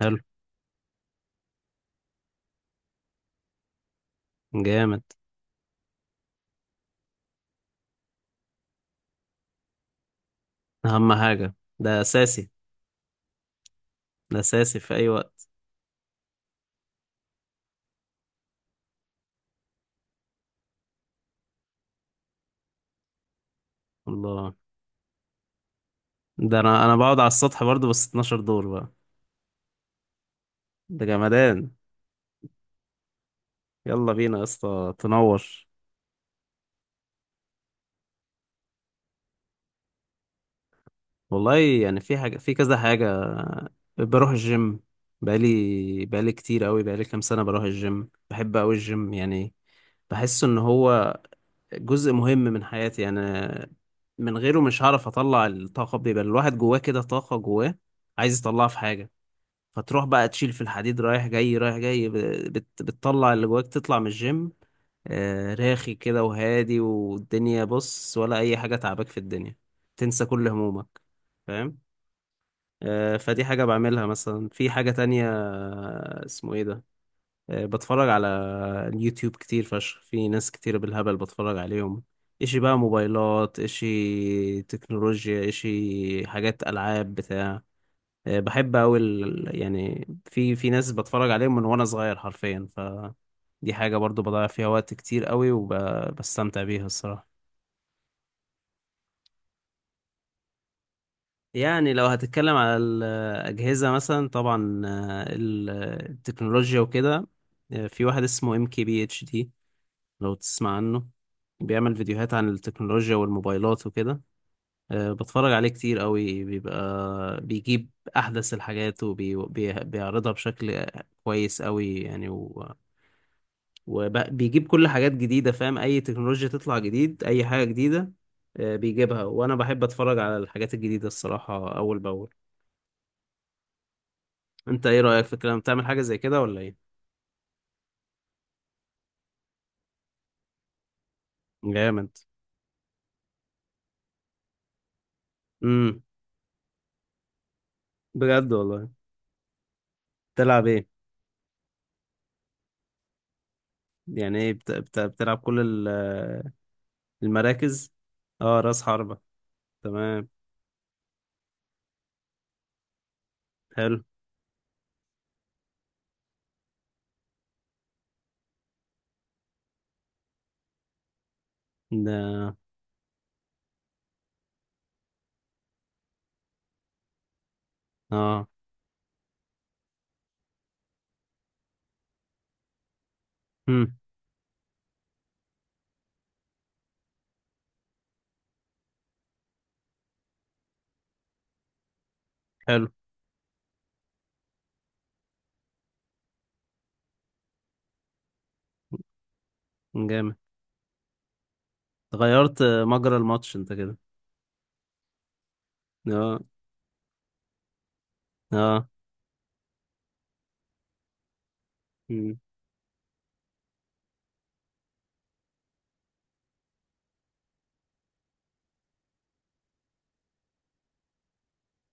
حلو. جامد. اهم حاجة ده اساسي. ده اساسي في اي وقت. الله. ده انا بقعد على السطح برضو، بس 12 دور بقى. ده جمدان. يلا بينا يا اسطى، تنور. والله، يعني في كذا حاجة. بروح الجيم. بقالي كتير قوي، بقالي كام سنة بروح الجيم. بحب قوي الجيم يعني. بحس ان هو جزء مهم من حياتي يعني. من غيره مش هعرف اطلع الطاقة، بيبقى الواحد جواه كده طاقة جواه عايز يطلعها في حاجة. فتروح بقى تشيل في الحديد رايح جاي رايح جاي بتطلع اللي جواك، تطلع من الجيم. راخي كده وهادي، والدنيا بص، ولا أي حاجة تعباك في الدنيا. تنسى كل همومك. فاهم. فدي حاجة بعملها، مثلا في حاجة تانية اسمه ايه ده. بتفرج على اليوتيوب كتير فشخ، في ناس كتير بالهبل بتفرج عليهم. اشي بقى موبايلات، اشي تكنولوجيا، اشي حاجات ألعاب بتاع. بحب أوي يعني في ناس بتفرج عليهم من وأنا صغير حرفيا. فدي حاجة برضو بضيع فيها وقت كتير أوي وبستمتع بيها الصراحة. يعني لو هتتكلم على الأجهزة مثلا، طبعا التكنولوجيا وكده. في واحد اسمه ام كي بي اتش دي، لو تسمع عنه. بيعمل فيديوهات عن التكنولوجيا والموبايلات وكده. بتفرج عليه كتير قوي، بيبقى بيجيب أحدث الحاجات وبيعرضها بشكل كويس قوي يعني. وبيجيب كل حاجات جديدة، فاهم، أي تكنولوجيا تطلع جديد، أي حاجة جديدة. بيجيبها، وأنا بحب أتفرج على الحاجات الجديدة الصراحة أول بأول. أنت إيه رأيك في الكلام، بتعمل حاجة زي كده ولا إيه؟ جامد. امم. بجد والله. بتلعب إيه؟ يعني إيه بتلعب كل المراكز؟ أه، رأس حربة. تمام. حلو. ده أه. امم. حلو. جامد. غيرت مجرى الماتش أنت كده. أه. أه. امم.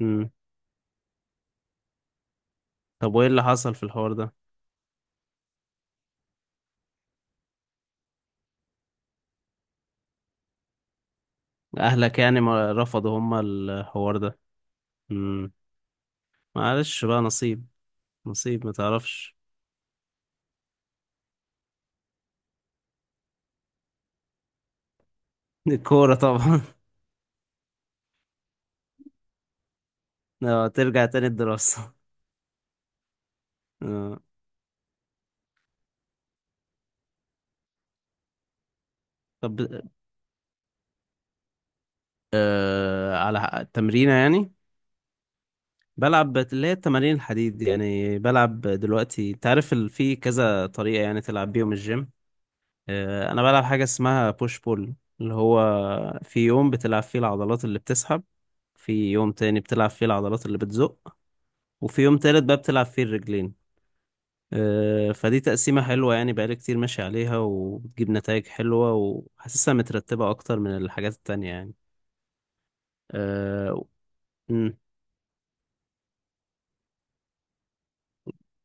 امم. طب وإيه اللي حصل في الحوار ده؟ اهلك يعني ما رفضوا هما الحوار ده. مم. معلش بقى، نصيب. نصيب ما تعرفش. الكورة طبعا. ترجع تاني الدراسة. آه. طب التمرينة يعني. بلعب اللي هي التمارين الحديد دي، يعني بلعب دلوقتي. انت عارف في كذا طريقة يعني تلعب بيهم الجيم. انا بلعب حاجة اسمها بوش بول، اللي هو في يوم بتلعب فيه العضلات اللي بتسحب، في يوم تاني بتلعب فيه العضلات اللي بتزق، وفي يوم تالت بقى بتلعب فيه الرجلين. فدي تقسيمة حلوة يعني، بقالي كتير ماشي عليها، وبتجيب نتائج حلوة، وحاسسها مترتبة أكتر من الحاجات التانية يعني. أه. مم.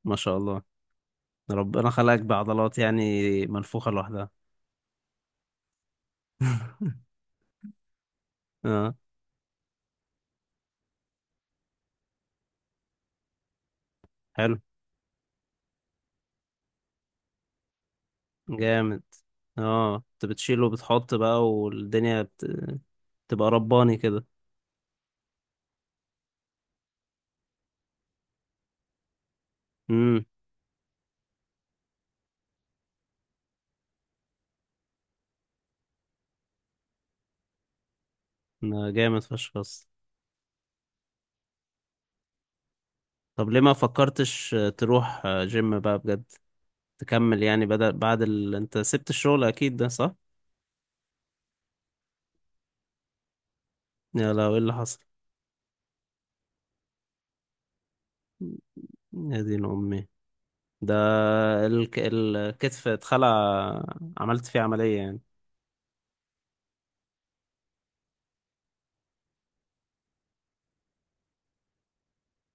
ما شاء الله. ربنا خلقك بعضلات يعني منفوخة لوحدها. اه. حلو. جامد. اه، انت بتشيل وبتحط بقى، والدنيا تبقى رباني كده. امم. ما جامد فشخ بس. طب ليه ما فكرتش تروح جيم بقى بجد، تكمل يعني، بدل بعد انت سبت الشغل اكيد ده صح. يا، لو ايه اللي حصل. يا دين امي. ده الكتف اتخلع، عملت فيه عملية يعني.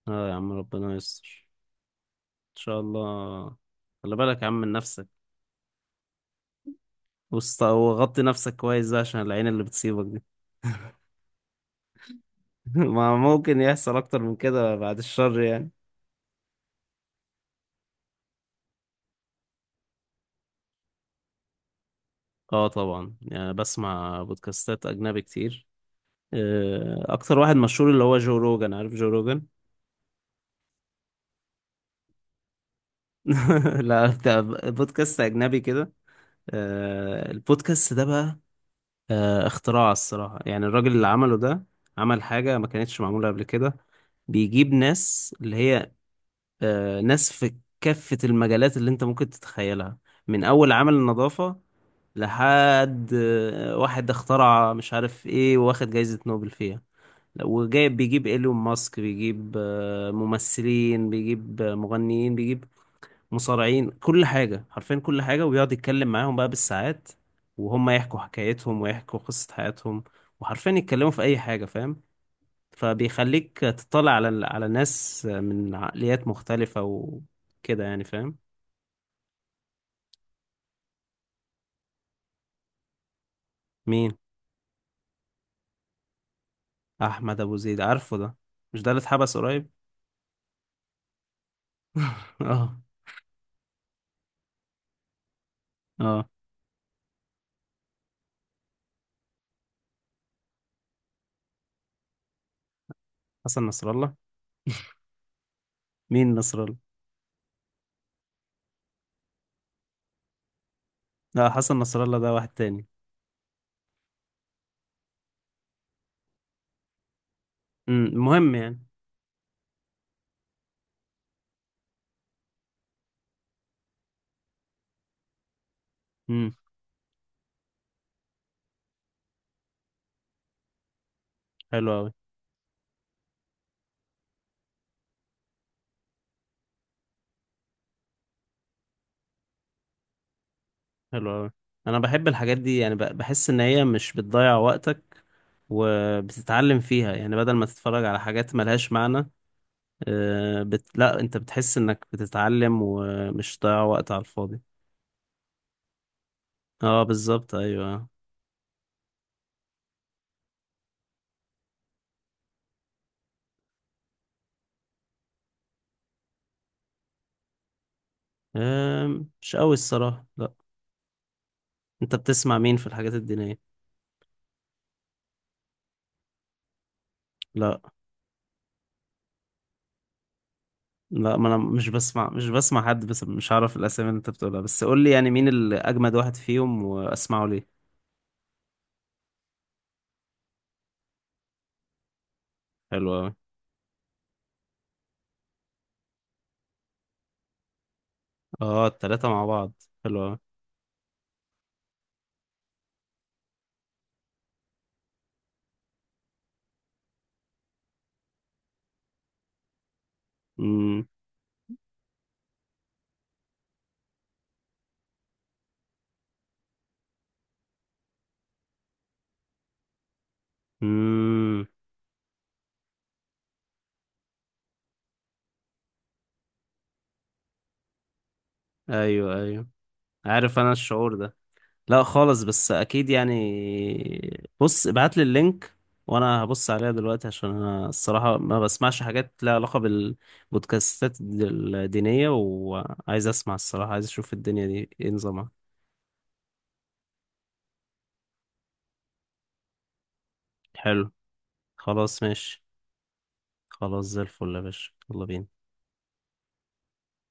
اه يا عم، ربنا يستر. ان شاء الله. خلي بالك يا عم من نفسك. وغطي نفسك كويس بقى عشان العين اللي بتصيبك دي. ما ممكن يحصل اكتر من كده، بعد الشر يعني. اه طبعا، يعني بسمع بودكاستات اجنبي كتير. اكتر واحد مشهور اللي هو جو روجان، عارف جو روجان. لا، بتاع بودكاست اجنبي كده. البودكاست ده بقى اختراع الصراحة يعني. الراجل اللي عمله ده عمل حاجة ما كانتش معمولة قبل كده. بيجيب ناس اللي هي ناس في كافة المجالات اللي انت ممكن تتخيلها، من أول عمل النظافة لحد واحد اخترع مش عارف ايه واخد جايزة نوبل فيها. بيجيب ايلون ماسك، بيجيب ممثلين، بيجيب مغنيين، بيجيب مصارعين، كل حاجة حرفيا، كل حاجة. ويقعد يتكلم معاهم بقى بالساعات، وهم يحكوا حكايتهم ويحكوا قصة حياتهم، وحرفيا يتكلموا في أي حاجة، فاهم. فبيخليك تطلع على ناس من عقليات مختلفة وكده يعني، فاهم. مين؟ أحمد أبو زيد، عارفه ده. مش ده اللي اتحبس قريب؟ اه. اه، حسن نصر الله. مين نصر الله؟ لا، حسن نصر الله ده واحد تاني. المهم يعني. امم. حلو أوي. حلو أوي، أنا بحب الحاجات دي يعني. بحس إن هي مش بتضيع وقتك وبتتعلم فيها يعني، بدل ما تتفرج على حاجات ملهاش معنى. لا، أنت بتحس إنك بتتعلم، ومش ضيع وقت على الفاضي. اه بالظبط، أيوه. مش أوي الصراحة، لا. أنت بتسمع مين في الحاجات الدينية؟ لا لا، ما أنا مش بسمع حد، بس مش عارف الأسامي اللي أنت بتقولها. بس قول لي يعني مين الأجمد واحد فيهم وأسمعه ليه. حلو أوي. اه، التلاتة مع بعض. حلو أوي. امم. ايوه، ايوه. عارف انا الشعور ده. لا خالص، بس اكيد يعني، بص ابعت لي اللينك وانا هبص عليها دلوقتي، عشان انا الصراحه ما بسمعش حاجات لها علاقه بالبودكاستات الدينيه، وعايز اسمع الصراحه، عايز اشوف الدنيا دي ايه نظامها. حلو. خلاص ماشي. خلاص، زي الفل يا باشا، يلا بينا.